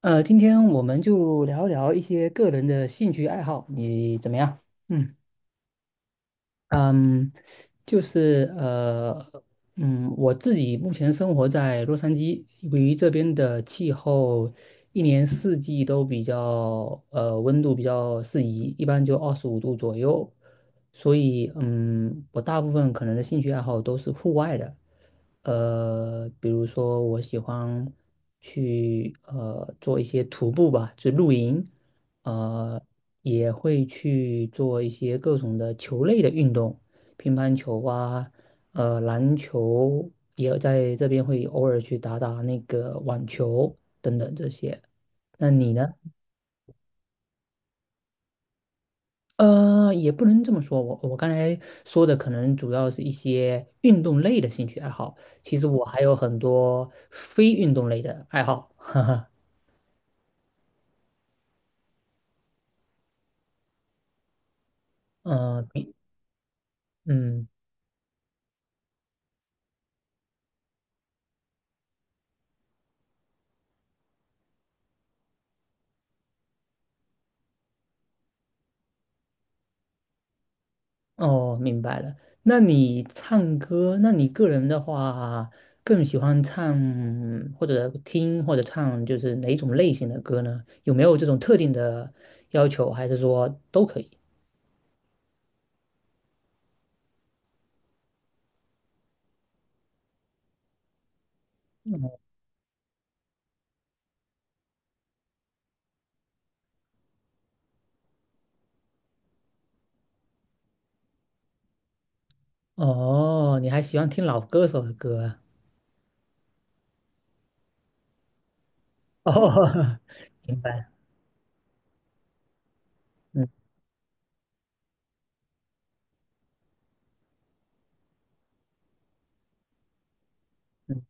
今天我们就聊一聊一些个人的兴趣爱好，你怎么样？嗯。嗯，就是我自己目前生活在洛杉矶，由于这边的气候一年四季都比较温度比较适宜，一般就25度左右，所以我大部分可能的兴趣爱好都是户外的。比如说我喜欢去做一些徒步吧，就露营。呃，也会去做一些各种的球类的运动，乒乓球啊，篮球也在这边会偶尔去打打那个网球等等这些。那你呢？也不能这么说，我刚才说的可能主要是一些运动类的兴趣爱好，其实我还有很多非运动类的爱好。嗯、呃比嗯。哦，明白了。那你唱歌，那你个人的话，更喜欢唱或者听或者唱，就是哪一种类型的歌呢？有没有这种特定的要求，还是说都可以？哦，你还喜欢听老歌手的歌啊？哦，明白。嗯嗯。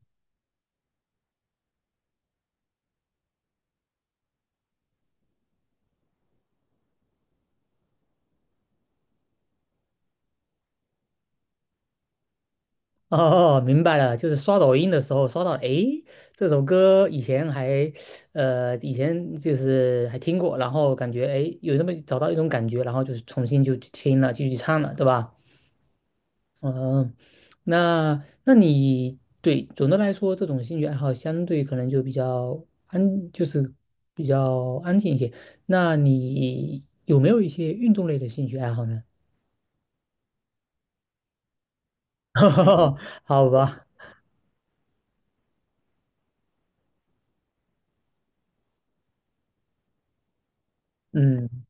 哦，明白了，就是刷抖音的时候刷到，诶，这首歌以前还，以前就是还听过，然后感觉诶有那么找到一种感觉，然后就是重新就去听了，继续唱了，对吧？嗯，那你对总的来说，这种兴趣爱好相对可能就比较安，就是比较安静一些。那你有没有一些运动类的兴趣爱好呢？好吧。嗯。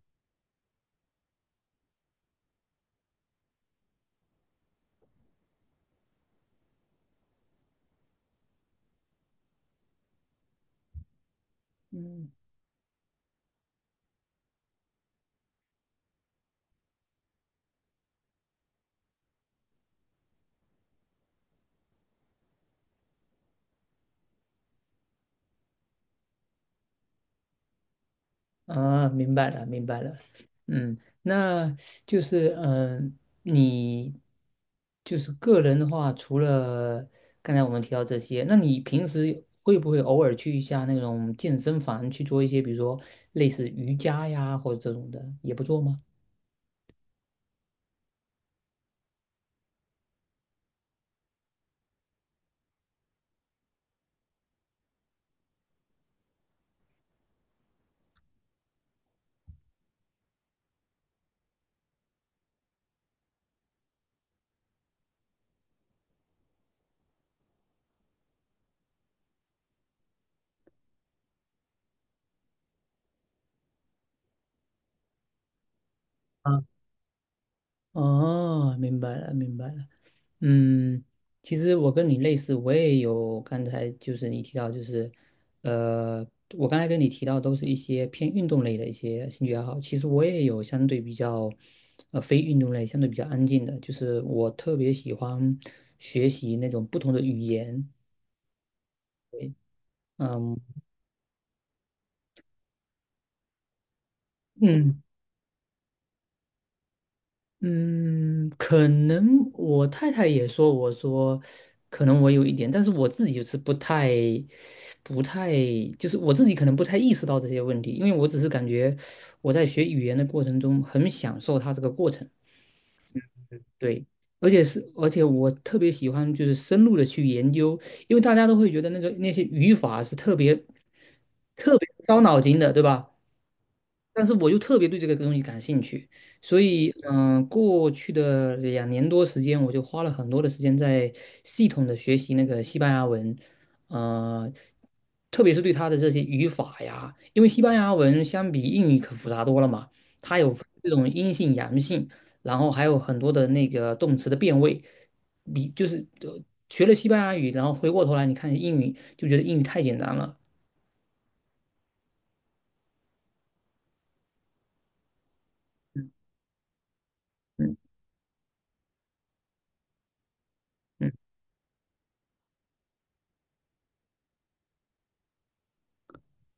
嗯。啊，明白了，明白了。那就是你就是个人的话，除了刚才我们提到这些，那你平时会不会偶尔去一下那种健身房去做一些，比如说类似瑜伽呀，或者这种的，也不做吗？啊，哦，明白了，明白了。嗯，其实我跟你类似，我也有刚才就是你提到，就是呃，我刚才跟你提到都是一些偏运动类的一些兴趣爱好。其实我也有相对比较非运动类，相对比较安静的，就是我特别喜欢学习那种不同的语言。嗯嗯，嗯，可能我太太也说，我说可能我有一点，但是我自己就是不太，就是我自己可能不太意识到这些问题，因为我只是感觉我在学语言的过程中很享受它这个过程。对，而且我特别喜欢就是深入的去研究，因为大家都会觉得那些语法是特别特别烧脑筋的，对吧？但是我又特别对这个东西感兴趣，所以过去的2年多时间，我就花了很多的时间在系统的学习那个西班牙文。呃，特别是对它的这些语法呀，因为西班牙文相比英语可复杂多了嘛，它有这种阴性、阳性，然后还有很多的那个动词的变位，你就是学了西班牙语，然后回过头来你看英语，就觉得英语太简单了。嗯嗯。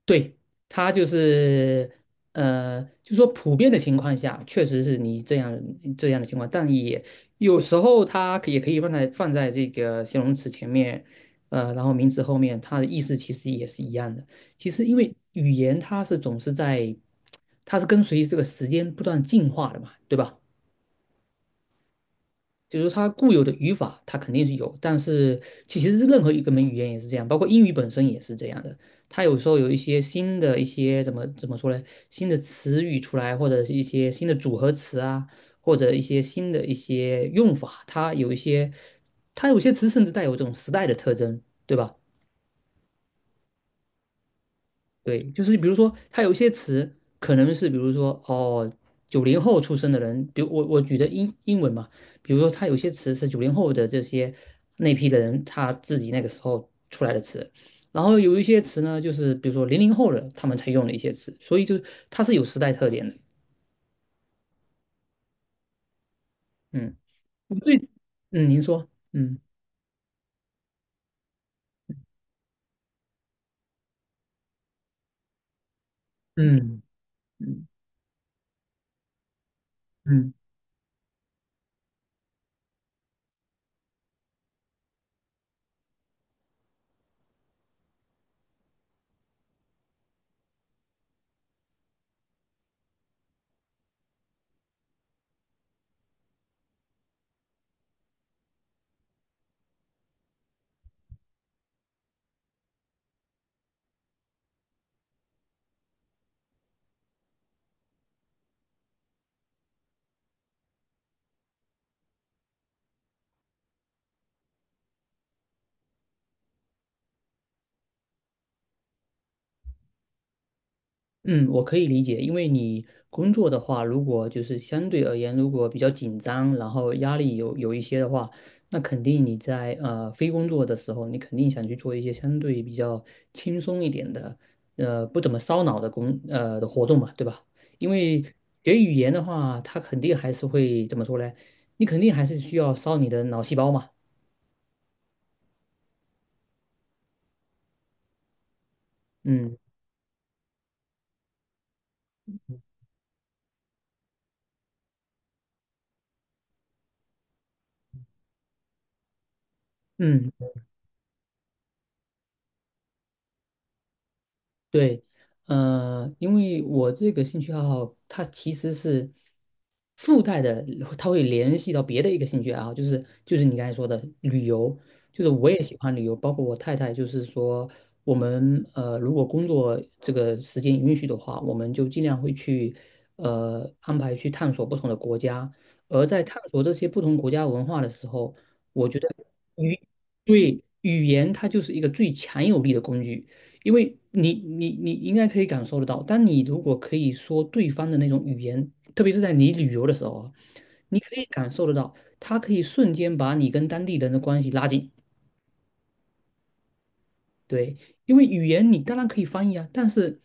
对，他就是就说普遍的情况下，确实是你这样的情况，但也有时候它也可以放在这个形容词前面，然后名词后面，它的意思其实也是一样的。其实因为语言它是总是在，它是跟随这个时间不断进化的嘛，对吧？就是它固有的语法，它肯定是有，但是其实是任何一个门语言也是这样，包括英语本身也是这样的。它有时候有一些新的一些怎么说呢？新的词语出来，或者是一些新的组合词啊，或者一些新的一些用法，它有些词甚至带有这种时代的特征，对吧？对，就是比如说，它有一些词可能是，比如说哦，九零后出生的人，比如我举的英文嘛，比如说它有些词是九零后的那批的人他自己那个时候出来的词，然后有一些词呢，就是比如说00后的他们才用的一些词，所以就它是有时代特点的。嗯，我。对，嗯，您说。嗯嗯嗯嗯。嗯，我可以理解，因为你工作的话，如果就是相对而言，如果比较紧张，然后压力有一些的话，那肯定你在非工作的时候，你肯定想去做一些相对比较轻松一点的，不怎么烧脑的的活动嘛，对吧？因为学语言的话，它肯定还是会怎么说呢？你肯定还是需要烧你的脑细胞嘛。嗯嗯。对，因为我这个兴趣爱好，它其实是附带的，它会联系到别的一个兴趣爱好，就是你刚才说的旅游，就是我也喜欢旅游，包括我太太，就是说我们如果工作这个时间允许的话，我们就尽量会去安排去探索不同的国家，而在探索这些不同国家文化的时候，我觉得语对语言它就是一个最强有力的工具。因为你应该可以感受得到，当你如果可以说对方的那种语言，特别是在你旅游的时候啊，你可以感受得到，它可以瞬间把你跟当地人的关系拉近。对，因为语言你当然可以翻译啊，但是，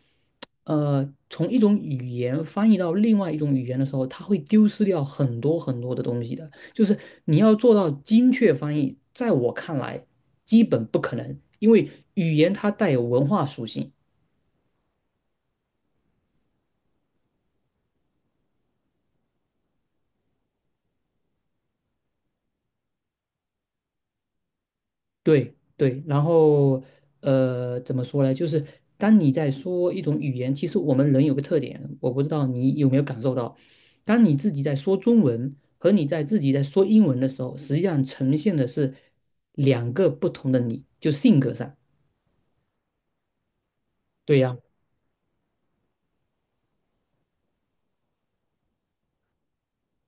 从一种语言翻译到另外一种语言的时候，它会丢失掉很多很多的东西的。就是你要做到精确翻译，在我看来基本不可能，因为语言它带有文化属性。对对，然后怎么说呢？就是当你在说一种语言，其实我们人有个特点，我不知道你有没有感受到，当你自己在说中文和自己在说英文的时候，实际上呈现的是两个不同的你，就性格上。对呀，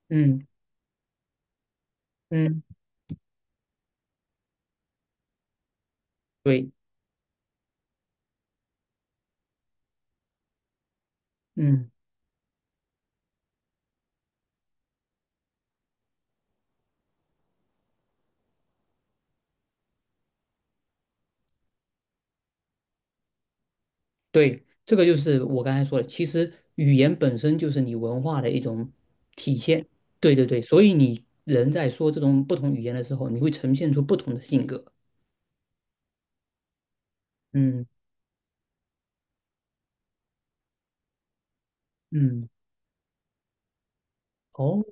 嗯嗯，对，嗯。对，这个就是我刚才说的，其实语言本身就是你文化的一种体现。对对对，所以你人在说这种不同语言的时候，你会呈现出不同的性格。嗯嗯，哦，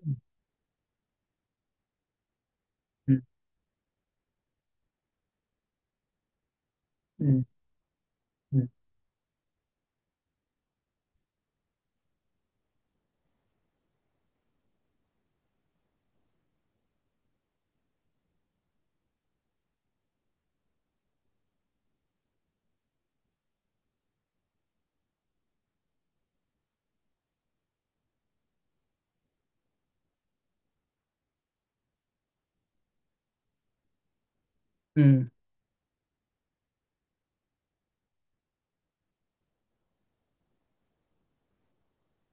嗯嗯嗯嗯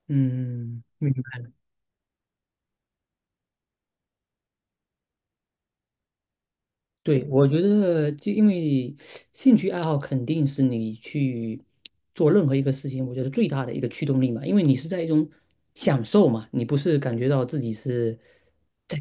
嗯，嗯，对，我觉得就因为兴趣爱好肯定是你去做任何一个事情，我觉得最大的一个驱动力嘛，因为你是在一种享受嘛，你不是感觉到自己是。在。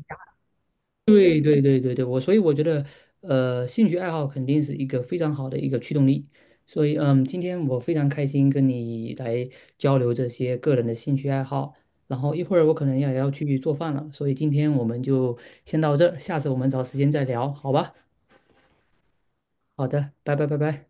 对对对对对，所以我觉得，兴趣爱好肯定是一个非常好的一个驱动力。所以，今天我非常开心跟你来交流这些个人的兴趣爱好。然后一会儿我可能也要去做饭了，所以今天我们就先到这儿，下次我们找时间再聊，好吧？好的，拜拜拜拜。